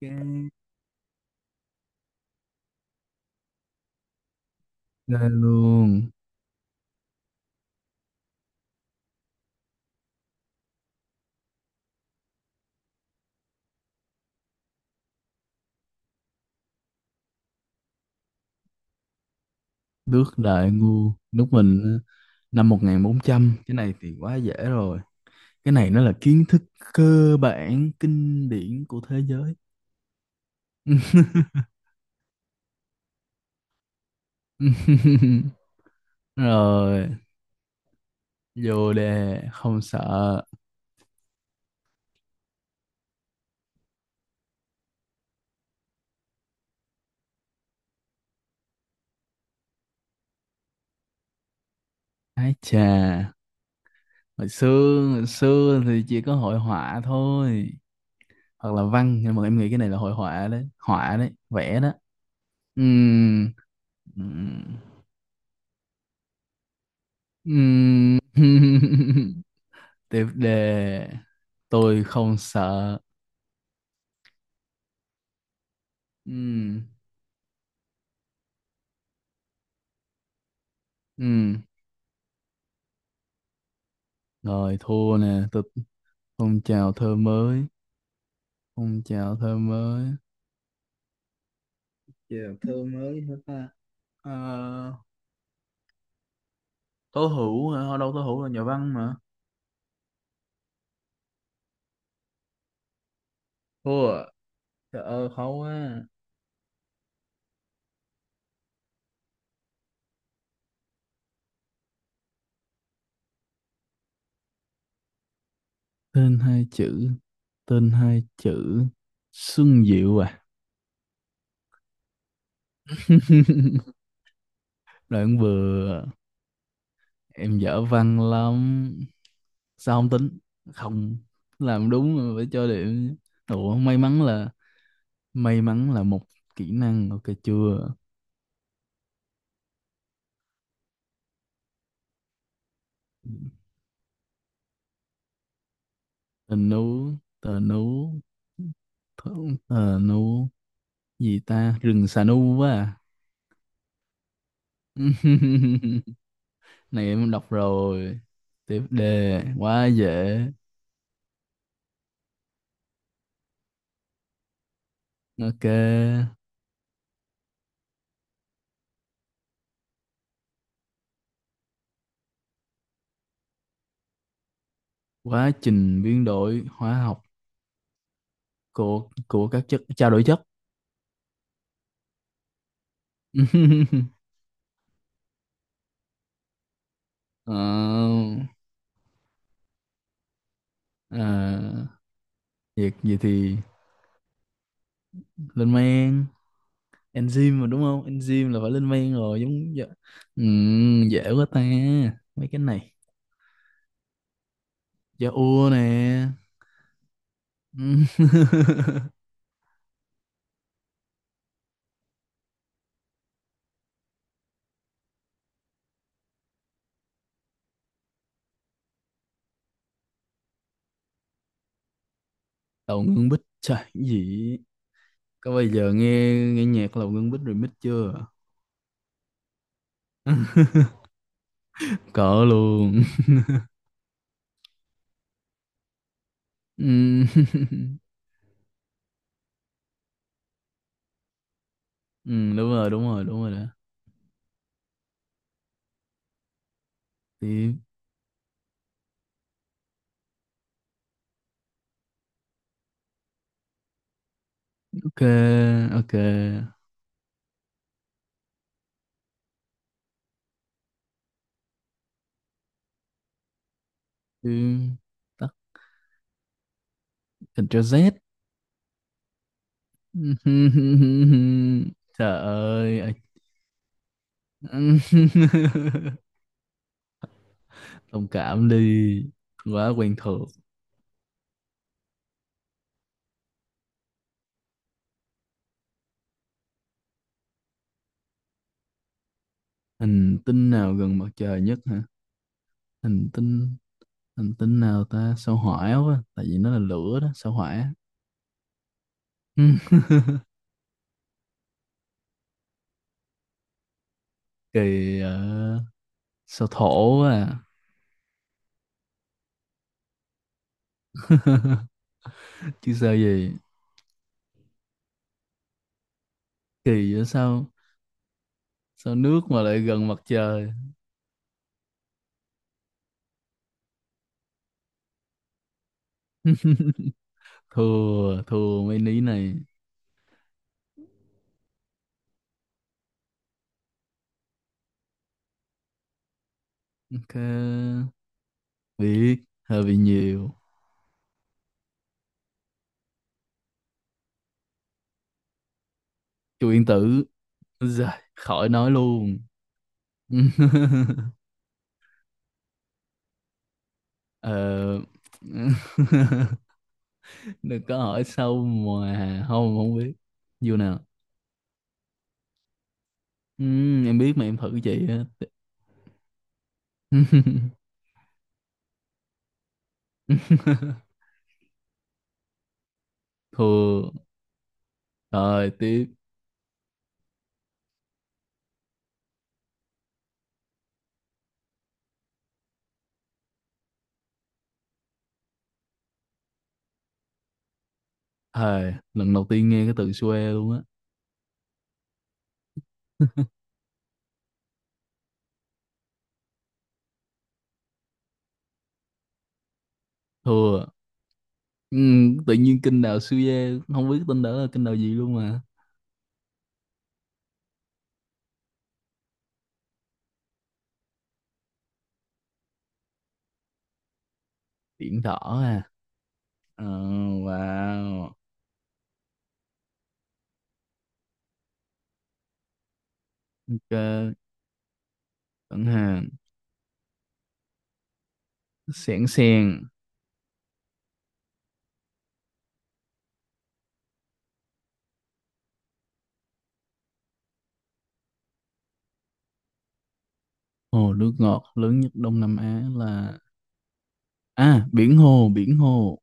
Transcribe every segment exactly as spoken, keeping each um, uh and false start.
Cái ghê luôn. Nước Đại Ngu. Nước mình ờ, năm một nghìn bốn trăm. Cái này thì quá dễ rồi. Cái này nó là kiến thức cơ bản. Kinh điển của thế giới. Rồi. Vô đề. Không sợ. Ái chà. Hồi xưa Hồi xưa thì chỉ có hội họa thôi. Hoặc là văn. Nhưng mà em nghĩ cái này là hội họa đấy. Họa đấy. Vẽ đó. Ừm. Ừm. Ừm. Tiếp đề, tôi không sợ. Ừ. Ừ. Rồi thua nè, tôi phong trào thơ mới, phong trào thơ mới. Giờ thơ mới hả ta? Ờ, Tố Hữu hả? Ở đâu, Tố Hữu là nhà văn mà. Thua à? Trời ơi, khó quá. Tên hai chữ, tên hai chữ. Xuân Diệu à. Đoạn vừa, em dở văn lắm. Sao không tính? Không, làm đúng mà phải cho điểm. Ủa, may mắn là, may mắn là một kỹ năng, ok chưa? Tờ nú. Tờ nú. Thử- tờ nú gì ta, rừng xà nu quá à. Này em đọc rồi. Tiếp đề, quá dễ. Ok. Quá trình biến đổi hóa học của của các chất trao đổi chất. Ờ, À, vậy, gì thì lên men. Enzyme mà đúng không, enzyme là phải lên men rồi, giống dạ. Ừ, dễ quá ta, mấy cái này. Da ua nè. Ừ. Lầu Ngưng Bích. Trời, cái gì? Có bao giờ nghe nghe nhạc Lầu Ngưng Bích remix chưa? Cỡ luôn. Ừ. Ừ, đúng rồi, đúng rồi, đúng rồi đó. Tiếp. Ok. Ok, tiếp tắt. control zét. Trời ơi. Ừm. Thông cảm đi, quá quen thuộc. Hành tinh nào gần mặt trời nhất hả? Hành tinh, hành tinh nào ta? Sao hỏa quá, tại vì nó là lửa đó, sao hỏa. Ừ, kỳ. ờ, Sao thổ quá. À, chứ sao gì. Kỳ vậy sao, sao nước mà lại gần mặt trời. Thua, thua mấy ní này. Ok, biết, hơi bị nhiều. Chu Yên Tử. Giời, khỏi nói luôn. Ờ, Đừng có hỏi sâu mà không không biết. Vô nào. Ừm, em biết mà em thử chị á. Thua. Rồi, tiếp. Hề, lần đầu tiên nghe cái từ xuê luôn á. Thua. Ừm, tự nhiên kênh đào xuê, không biết tên đó là kinh đào gì luôn mà. Biển đỏ à? Ờ, wow. Ok, tận hàng. Sẻn sèn. Hồ nước ngọt lớn nhất Đông Nam Á là, à, biển hồ. Biển hồ.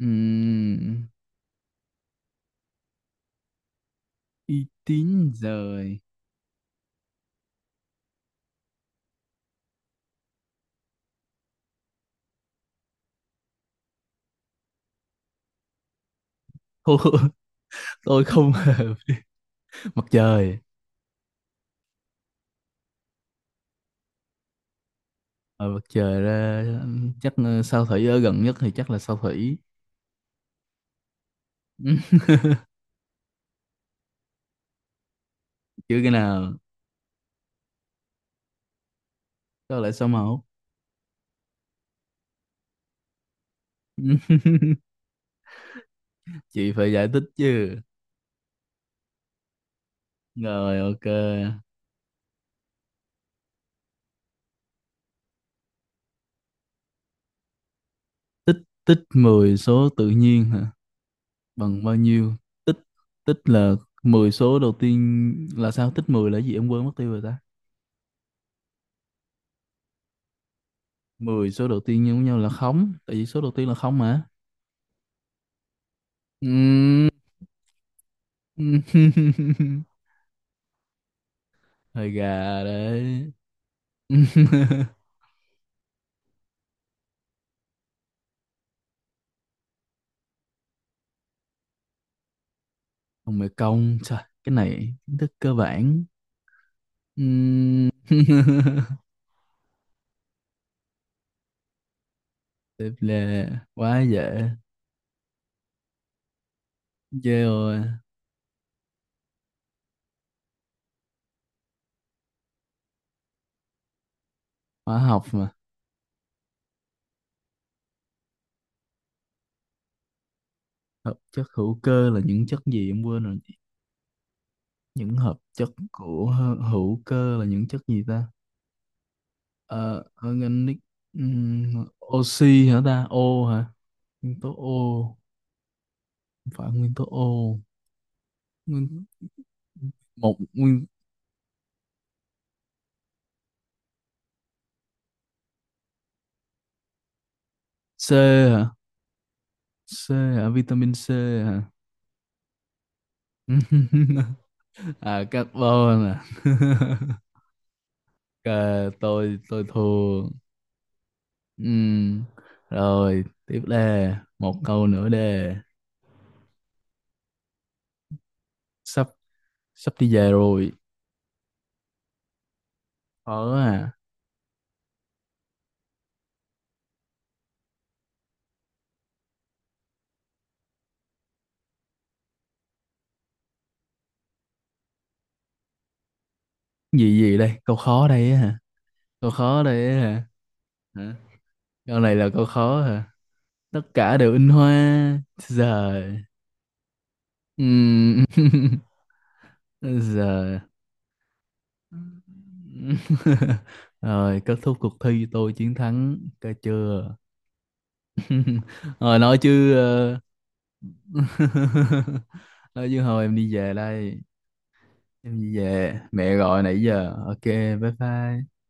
Ừm, uy tín rồi. Thôi, tôi không mặt trời. Ở mặt trời ra, chắc ờ, sao thủy ở gần nhất thì chắc là sao thủy. Chứ cái nào? Có lẽ sao mẫu. Chị phải giải thích chứ. Rồi, ok. Tích. Tích mười số tự nhiên hả, bằng bao nhiêu? Tích. Tích là mười số đầu tiên là sao? Tích mười là gì, em quên mất tiêu rồi ta. Mười số đầu tiên nhân với nhau là không, tại vì số đầu tiên là không mà. Ừm. Hơi gà đấy. Ông mẹ công, trời, cái này kiến thức cơ bản. Ừm. Tiếp là quá dễ. Ghê rồi. Hóa học mà. Hợp chất hữu cơ là những chất gì, em quên rồi. Những hợp chất của hơ- hữu cơ là những chất gì ta? Ờ, organic. Ừm, oxy hả ta? O hả? Nguyên tố O? Không phải nguyên tố O. Nguyên, một nguyên, C hả? C hả? Vitamin C hả? À, carbon à. Cờ, tôi tôi thua. Ừm. Rồi, tiếp đề. Một câu nữa đề. Sắp sắp đi về rồi. Khó à. Gì gì đây? Câu khó đây á hả? Câu khó đây á hả? Hả? Câu này là câu khó hả? Tất cả đều in hoa. Giờ. Giờ. Rồi, kết thúc cuộc thi, tôi chiến thắng cái chưa? Rồi, nói chứ ờ, nói chứ hồi em đi về đây. Em đi về, mẹ gọi nãy giờ. Ok, bye bye.